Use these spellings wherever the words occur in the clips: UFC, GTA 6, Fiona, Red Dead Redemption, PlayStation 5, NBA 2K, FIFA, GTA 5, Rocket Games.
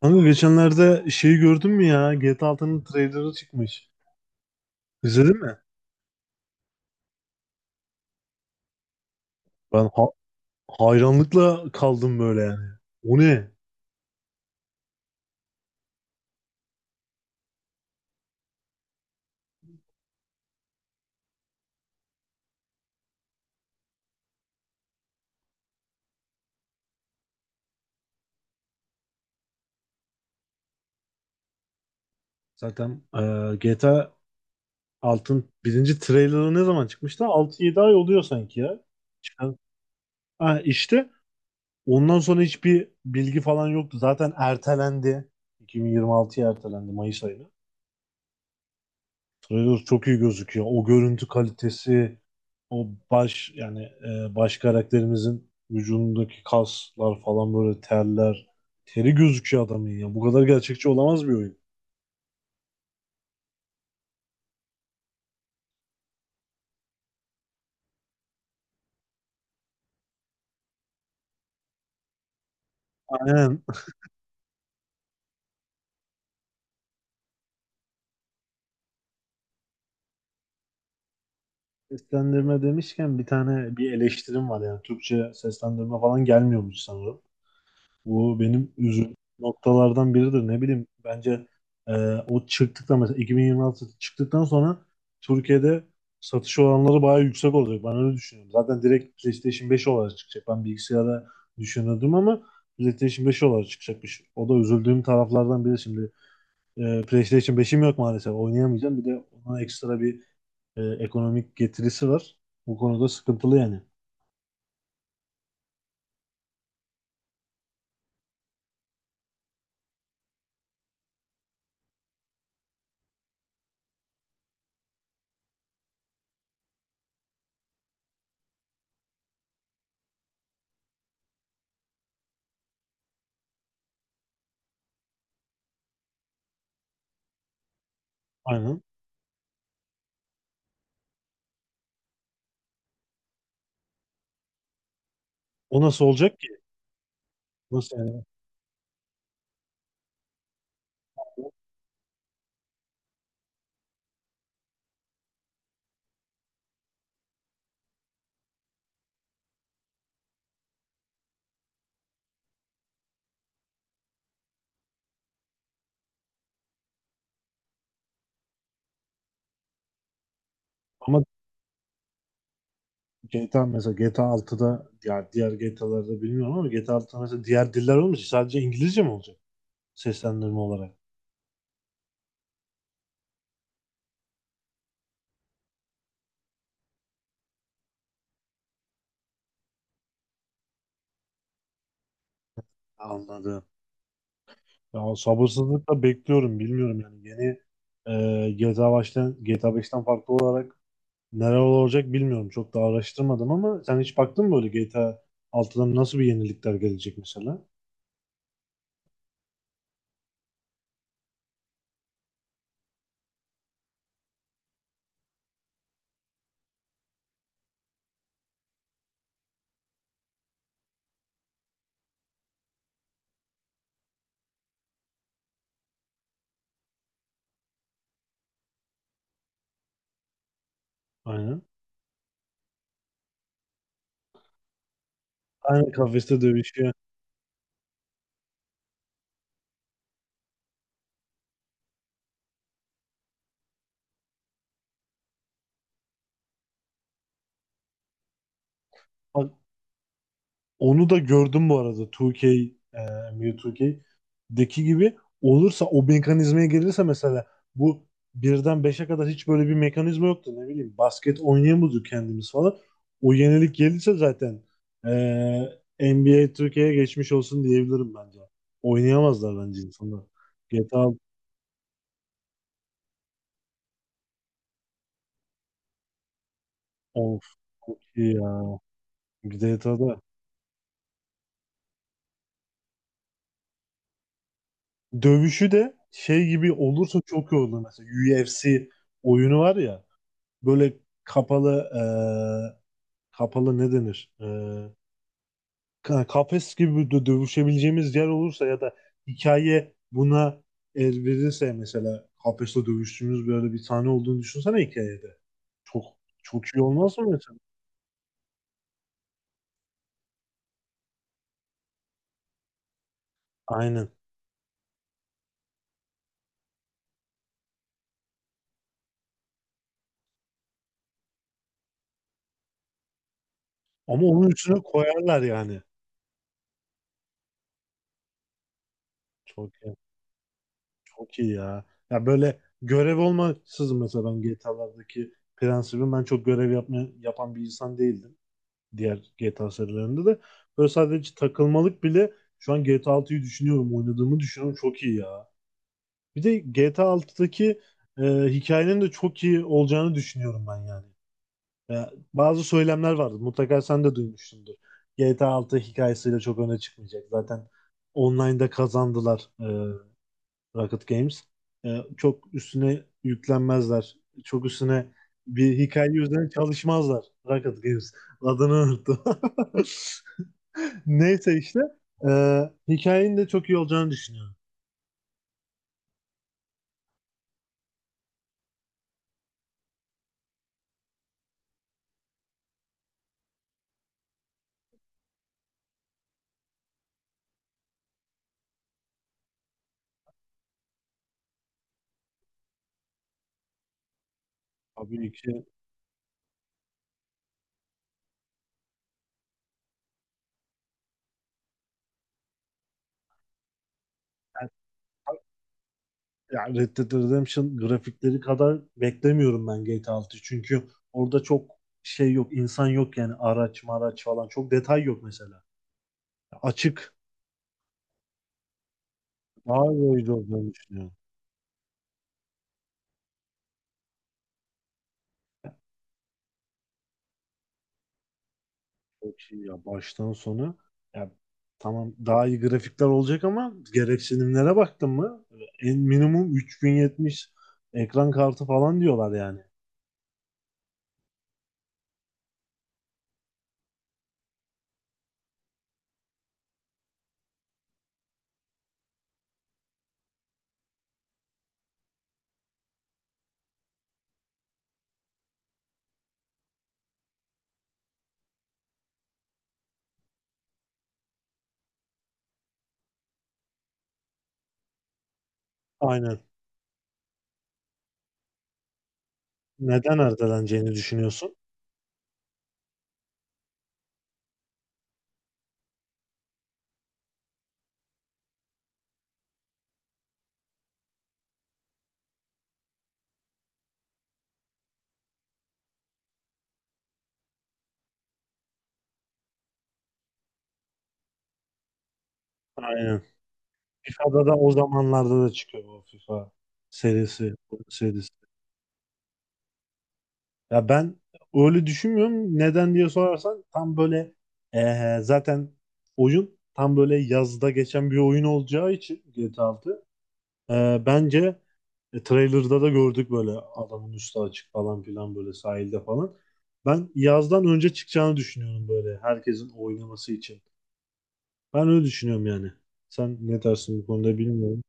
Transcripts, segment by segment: Kanka geçenlerde şeyi gördün mü ya? GTA altının trailerı çıkmış. İzledin mi? Ben hayranlıkla kaldım böyle yani. O ne? Zaten GTA 6'nın birinci trailerı ne zaman çıkmıştı? Altı yedi ay oluyor sanki ya. Çıkan. Ha, işte ondan sonra hiçbir bilgi falan yoktu. Zaten ertelendi. 2026'ya ertelendi Mayıs ayına. Trailer çok iyi gözüküyor. O görüntü kalitesi, o baş yani baş karakterimizin vücudundaki kaslar falan böyle terler. Teri gözüküyor adamın ya. Bu kadar gerçekçi olamaz bir oyun. Aynen. Seslendirme demişken bir tane bir eleştirim var yani. Türkçe seslendirme falan gelmiyormuş sanırım. Bu benim üzüldüğüm noktalardan biridir. Ne bileyim bence e, o çıktıktan mesela 2026 çıktıktan sonra Türkiye'de satış oranları bayağı yüksek olacak. Ben öyle düşünüyorum. Zaten direkt PlayStation 5 olarak çıkacak. Ben bilgisayara düşünüyordum ama PlayStation 5 olarak çıkacakmış. O da üzüldüğüm taraflardan biri şimdi. PlayStation 5'im yok maalesef. Oynayamayacağım. Bir de ona ekstra bir ekonomik getirisi var. Bu konuda sıkıntılı yani. Aynen. O nasıl olacak ki? Nasıl yani? Ama GTA mesela GTA altıda ya diğer GTA'larda bilmiyorum ama GTA altıda mesela diğer diller olmayacak. Sadece İngilizce mi olacak? Seslendirme olarak. Anladım. Ya sabırsızlıkla bekliyorum. Bilmiyorum yani yeni GTA 5'ten farklı olarak neler olacak bilmiyorum. Çok da araştırmadım ama sen hiç baktın mı böyle GTA 6'dan nasıl bir yenilikler gelecek mesela? Aynen. Aynen kafeste dövüşüyor. Bak, onu da gördüm bu arada 2K, NBA 2K'deki gibi olursa o mekanizmaya gelirse mesela bu birden beşe kadar hiç böyle bir mekanizma yoktu ne bileyim basket oynayamıyorduk kendimiz falan. O yenilik gelirse zaten e, NBA 2K'ye geçmiş olsun diyebilirim bence. Oynayamazlar bence insanlar. GTA of çok iyi ya. GTA'da dövüşü de şey gibi olursa çok iyi olur mesela UFC oyunu var ya böyle kapalı kapalı ne denir? Kafes gibi de dövüşebileceğimiz yer olursa ya da hikaye buna el verirse mesela kafeste dövüştüğümüz böyle bir sahne olduğunu düşünsene hikayede. Çok çok iyi olmaz mı mesela? Aynen. Ama onun üstüne koyarlar yani. Çok iyi, çok iyi ya. Ya böyle görev olmaksızın mesela ben GTA'lardaki prensibim ben çok görev yapma, yapan bir insan değildim. Diğer GTA serilerinde de. Böyle sadece takılmalık bile şu an GTA altıyı düşünüyorum. Oynadığımı düşünüyorum. Çok iyi ya. Bir de GTA altıdaki e, hikayenin de çok iyi olacağını düşünüyorum ben yani. Ya, bazı söylemler vardı. Mutlaka sen de duymuşsundur. GTA 6 hikayesiyle çok öne çıkmayacak. Zaten online'da kazandılar Rocket Games. Çok üstüne yüklenmezler. Çok üstüne bir hikaye üzerine çalışmazlar. Rocket Games. Adını unuttum. Neyse işte e, hikayenin de çok iyi olacağını düşünüyorum. Tabii ki yani yani Red Dead Redemption grafikleri kadar beklemiyorum ben GTA 6'yı. Çünkü orada çok şey yok, insan yok yani araç maraç falan. Çok detay yok mesela. Açık, daha iyi oyuncu olacağını düşünüyorum. Çok iyi ya baştan sona. Ya, tamam daha iyi grafikler olacak ama gereksinimlere baktın mı? En minimum 3070 ekran kartı falan diyorlar yani. Aynen. Neden erteleneceğini düşünüyorsun? Aynen. FIFA'da da o zamanlarda da çıkıyor o FIFA serisi, bu serisi. Ya ben öyle düşünmüyorum. Neden diye sorarsan tam böyle Zaten oyun tam böyle yazda geçen bir oyun olacağı için GTA 6. Bence trailer'da da gördük böyle adamın üstü açık falan filan böyle sahilde falan. Ben yazdan önce çıkacağını düşünüyorum böyle herkesin oynaması için. Ben öyle düşünüyorum yani. Sen ne dersin bu konuda bilmiyorum.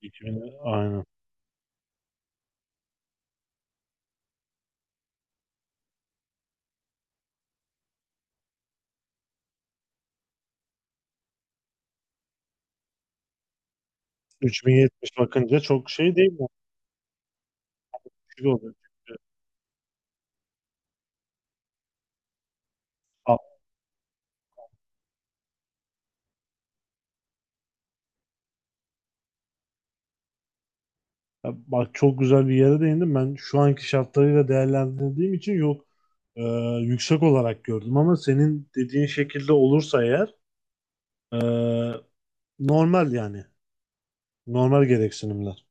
2000, aynen. Üç bin yetmiş bakınca çok şey değil mi? Düşük oluyor. Çünkü- Aa, bak çok güzel bir yere değindim. Ben şu anki şartlarıyla değerlendirdiğim için yok e, yüksek olarak gördüm ama senin dediğin şekilde olursa eğer e, normal yani. Normal gereksinimler.